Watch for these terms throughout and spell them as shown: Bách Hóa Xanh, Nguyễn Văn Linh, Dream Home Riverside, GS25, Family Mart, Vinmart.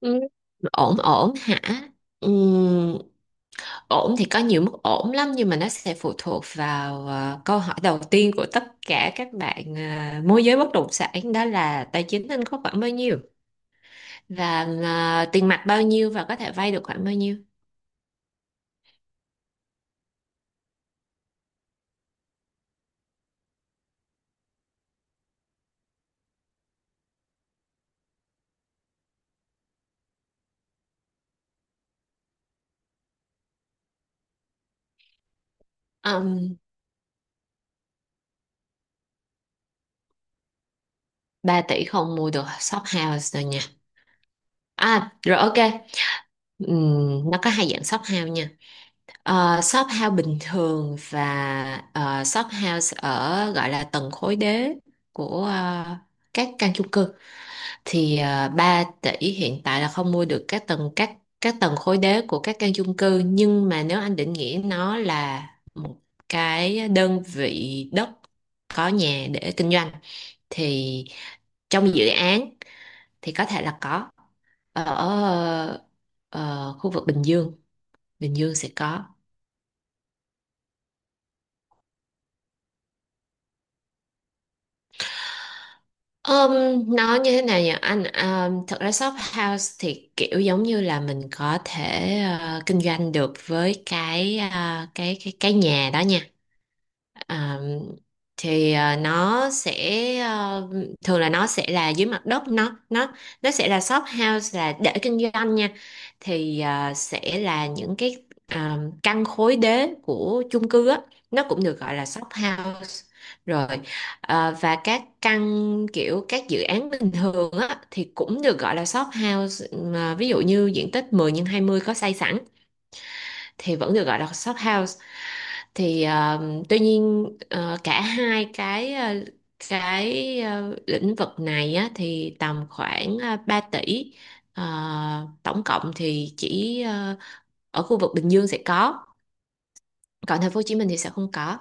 Ừ. Ổn ổn hả? Ừm, Ổn thì có nhiều mức ổn lắm, nhưng mà nó sẽ phụ thuộc vào câu hỏi đầu tiên của tất cả các bạn môi giới bất động sản, đó là tài chính anh có khoảng bao nhiêu, và tiền mặt bao nhiêu và có thể vay được khoảng bao nhiêu. um, 3 tỷ không mua được shop house rồi nha. À rồi, ok. Nó có hai dạng shop house nha. Shop house bình thường và shop house ở gọi là tầng khối đế của các căn chung cư. Thì 3 tỷ hiện tại là không mua được các tầng, các tầng khối đế của các căn chung cư. Nhưng mà nếu anh định nghĩa nó là một cái đơn vị đất có nhà để kinh doanh thì trong dự án thì có thể là có, ở khu vực Bình Dương. Bình Dương sẽ có. Nó như thế nào nhỉ anh? Thật ra shop house thì kiểu giống như là mình có thể kinh doanh được với cái cái nhà đó nha. À, thì nó sẽ, à, thường là nó sẽ là dưới mặt đất, nó nó sẽ là shop house là để kinh doanh nha. Thì sẽ là những cái, căn khối đế của chung cư á, nó cũng được gọi là shop house. Rồi, và các căn kiểu các dự án bình thường á thì cũng được gọi là shop house. Mà ví dụ như diện tích 10 nhân 20 có xây sẵn thì vẫn được gọi là shop house. Thì tuy nhiên cả hai cái lĩnh vực này á, thì tầm khoảng 3 tỷ. Ờ, Tổng cộng thì chỉ ở khu vực Bình Dương sẽ có, còn thành phố Hồ Chí Minh thì sẽ không có.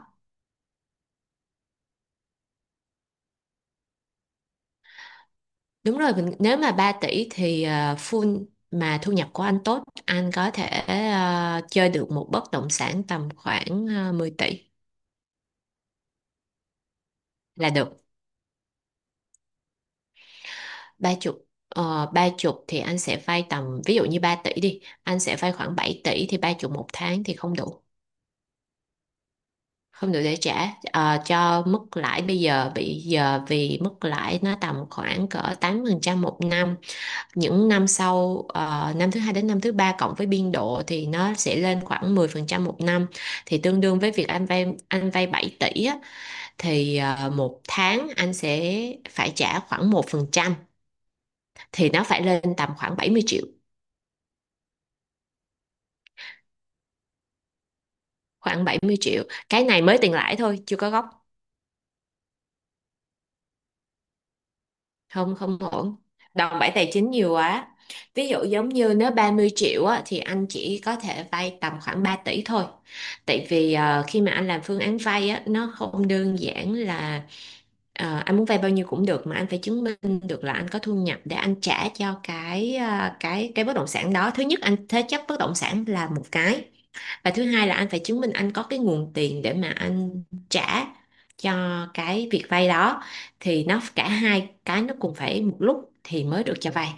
Đúng rồi, mình nếu mà 3 tỷ thì full, mà thu nhập của anh tốt anh có thể chơi được một bất động sản tầm khoảng 10 tỷ là được. Ba chục, ba chục thì anh sẽ vay tầm, ví dụ như 3 tỷ đi, anh sẽ vay khoảng 7 tỷ, thì ba chục một tháng thì không đủ, không đủ để trả cho mức lãi bây giờ. Bây giờ vì mức lãi nó tầm khoảng cỡ 8% một năm, những năm sau năm thứ hai đến năm thứ ba cộng với biên độ thì nó sẽ lên khoảng 10% một năm. Thì tương đương với việc anh vay 7 tỷ á, thì một tháng anh sẽ phải trả khoảng 1%, thì nó phải lên tầm khoảng 70 triệu, khoảng bảy mươi triệu. Cái này mới tiền lãi thôi, chưa có gốc. Không, không ổn, đòn bẩy tài chính nhiều quá. Ví dụ giống như nếu 30 triệu á, thì anh chỉ có thể vay tầm khoảng 3 tỷ thôi. Tại vì khi mà anh làm phương án vay á, nó không đơn giản là anh muốn vay bao nhiêu cũng được, mà anh phải chứng minh được là anh có thu nhập để anh trả cho cái bất động sản đó. Thứ nhất anh thế chấp bất động sản là một cái, và thứ hai là anh phải chứng minh anh có cái nguồn tiền để mà anh trả cho cái việc vay đó. Thì nó cả hai cái nó cùng phải một lúc thì mới được cho vay.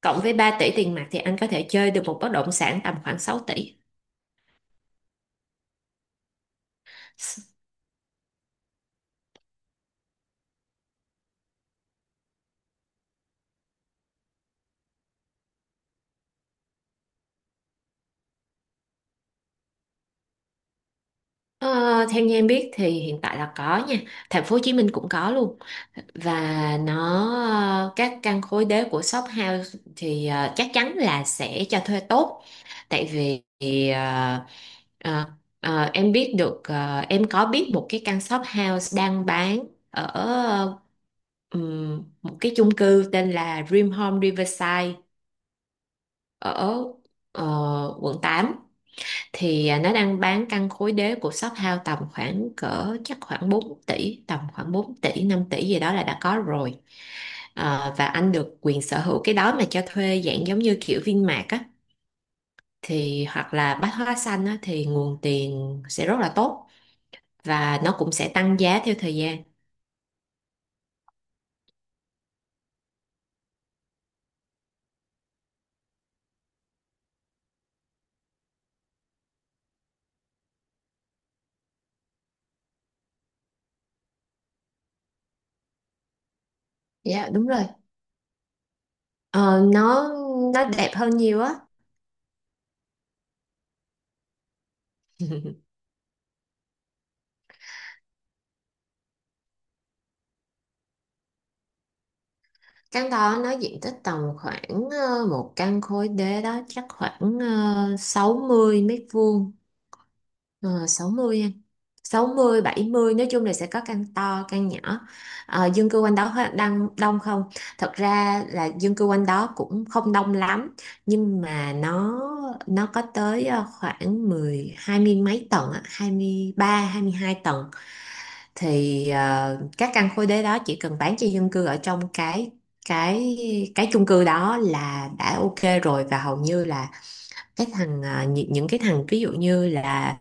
Cộng với 3 tỷ tiền mặt thì anh có thể chơi được một bất động sản tầm khoảng 6 tỷ. Ờ, Theo như em biết thì hiện tại là có nha, thành phố Hồ Chí Minh cũng có luôn. Và nó, các căn khối đế của shop house thì chắc chắn là sẽ cho thuê tốt. Tại vì ờ, ờ, em biết được, em có biết một cái căn shop house đang bán ở một cái chung cư tên là Dream Home Riverside, ở quận 8. Thì nó đang bán căn khối đế của shop house tầm khoảng cỡ chắc khoảng 4 tỷ, tầm khoảng 4 tỷ 5 tỷ gì đó là đã có rồi. Ờ, và anh được quyền sở hữu cái đó mà cho thuê dạng giống như kiểu Vinmart á, thì hoặc là Bách Hóa Xanh á thì nguồn tiền sẽ rất là tốt. Và nó cũng sẽ tăng giá theo thời gian. Dạ đúng rồi. Ờ, nó nó đẹp hơn nhiều á. Căn đó nó diện tích tầm khoảng một căn khối đế đó chắc khoảng 60 m². Ờ, 60 em. Sáu mươi, bảy mươi, nói chung là sẽ có căn to căn nhỏ. Ờ, dân cư quanh đó đang đông không? Thật ra là dân cư quanh đó cũng không đông lắm, nhưng mà nó có tới khoảng mười, hai mươi mấy tầng á, 23, 22 tầng. Thì các căn khối đế đó chỉ cần bán cho dân cư ở trong cái cái chung cư đó là đã ok rồi, và hầu như là cái thằng, những cái thằng ví dụ như là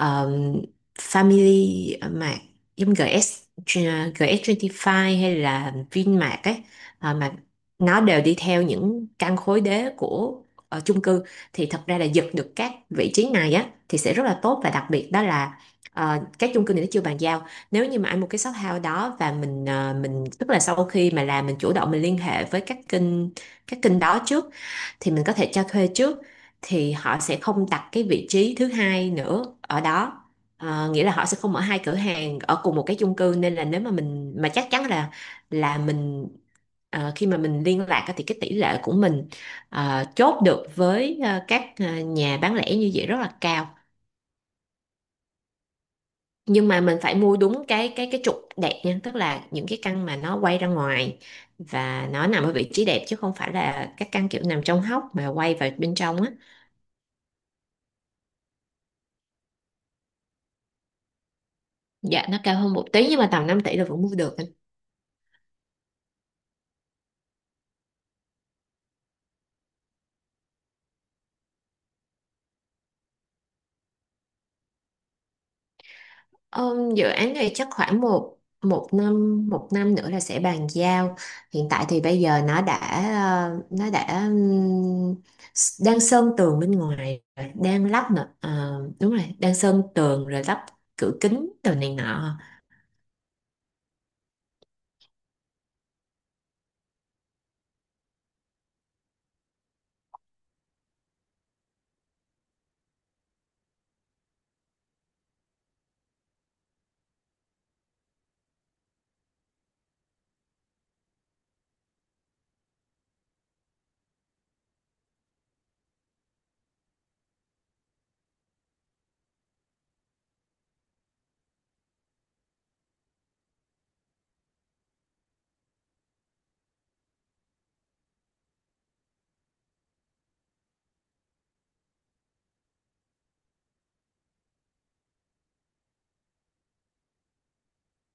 um, Family Mart, giống GS GS25, hay là Vinmart ấy. Mà nó đều đi theo những căn khối đế của chung cư. Thì thật ra là giật được các vị trí này á thì sẽ rất là tốt. Và đặc biệt đó là các chung cư này nó chưa bàn giao. Nếu như mà anh một cái shop house đó, và mình mình tức là sau khi mà làm, mình chủ động, mình liên hệ với các kênh đó trước, thì mình có thể cho thuê trước, thì họ sẽ không đặt cái vị trí thứ hai nữa ở đó. Ờ, nghĩa là họ sẽ không mở hai cửa hàng ở cùng một cái chung cư, nên là nếu mà mình mà chắc chắn là mình khi mà mình liên lạc á thì cái tỷ lệ của mình chốt được với các nhà bán lẻ như vậy rất là cao. Nhưng mà mình phải mua đúng cái trục đẹp nha, tức là những cái căn mà nó quay ra ngoài và nó nằm ở vị trí đẹp, chứ không phải là các căn kiểu nằm trong hốc mà quay vào bên trong á. Dạ nó cao hơn một tí nhưng mà tầm 5 tỷ là vẫn mua được. Dự án này chắc khoảng một một năm nữa là sẽ bàn giao. Hiện tại thì bây giờ nó đã, ờ, nó đã ừm, đang sơn tường bên ngoài, rồi, đang lắp nữa. Ờ, đúng rồi, đang sơn tường rồi lắp cửa kính đồ này nọ.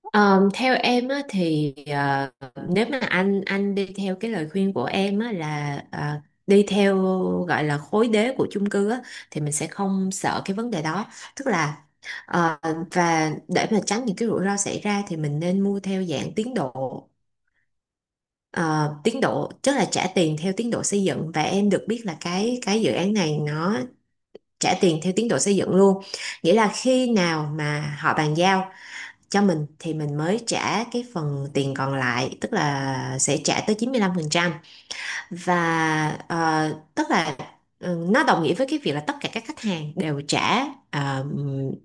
Ờ, Theo em á, thì nếu mà anh đi theo cái lời khuyên của em á, là đi theo gọi là khối đế của chung cư á, thì mình sẽ không sợ cái vấn đề đó. Tức là ờ, và để mà tránh những cái rủi ro xảy ra thì mình nên mua theo dạng tiến độ. Ờ, tiến độ tức là trả tiền theo tiến độ xây dựng, và em được biết là cái dự án này nó trả tiền theo tiến độ xây dựng luôn. Nghĩa là khi nào mà họ bàn giao cho mình thì mình mới trả cái phần tiền còn lại, tức là sẽ trả tới 95%. Và tức là, ừ, nó đồng nghĩa với cái việc là tất cả các khách hàng đều trả ờ,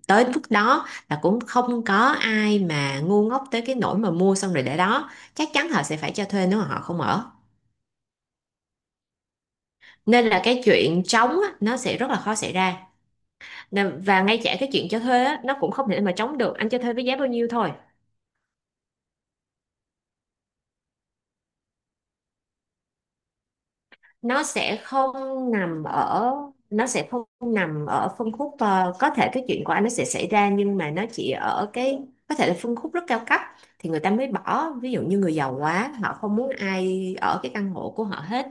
tới mức đó, là cũng không có ai mà ngu ngốc tới cái nỗi mà mua xong rồi để đó. Chắc chắn họ sẽ phải cho thuê nếu mà họ không ở. Nên là cái chuyện trống á, nó sẽ rất là khó xảy ra. Và ngay cả cái chuyện cho thuê á, nó cũng không thể mà trống được, anh cho thuê với giá bao nhiêu thôi. Nó sẽ không nằm ở, nó sẽ không nằm ở phân khúc, có thể cái chuyện của anh nó sẽ xảy ra, nhưng mà nó chỉ ở cái có thể là phân khúc rất cao cấp thì người ta mới bỏ. Ví dụ như người giàu quá họ không muốn ai ở cái căn hộ của họ hết.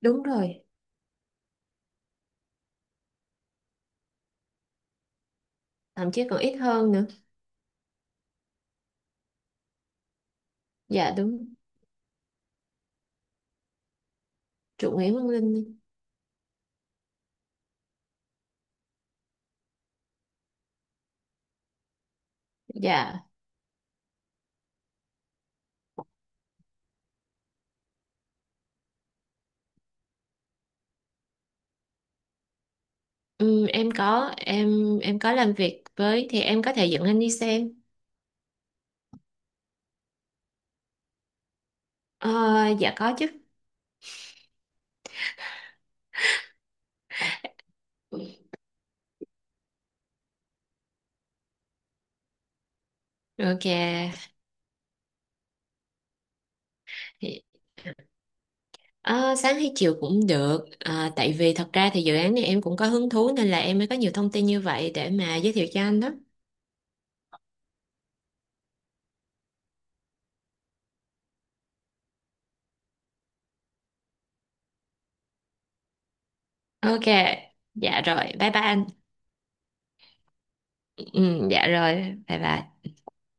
Đúng rồi, thậm chí còn ít hơn nữa. Dạ đúng. Chủ Nguyễn Văn Linh. Dạ. Em có, em có làm việc với, thì em có thể dẫn anh đi xem. Ờ, dạ có chứ. Ok. Ờ, Sáng hay chiều cũng được à, tại vì thật ra thì dự án này em cũng có hứng thú, nên là em mới có nhiều thông tin như vậy để mà giới thiệu cho anh đó. Ok, dạ rồi, bye bye anh. Ừ, ừ, dạ rồi, bye bye.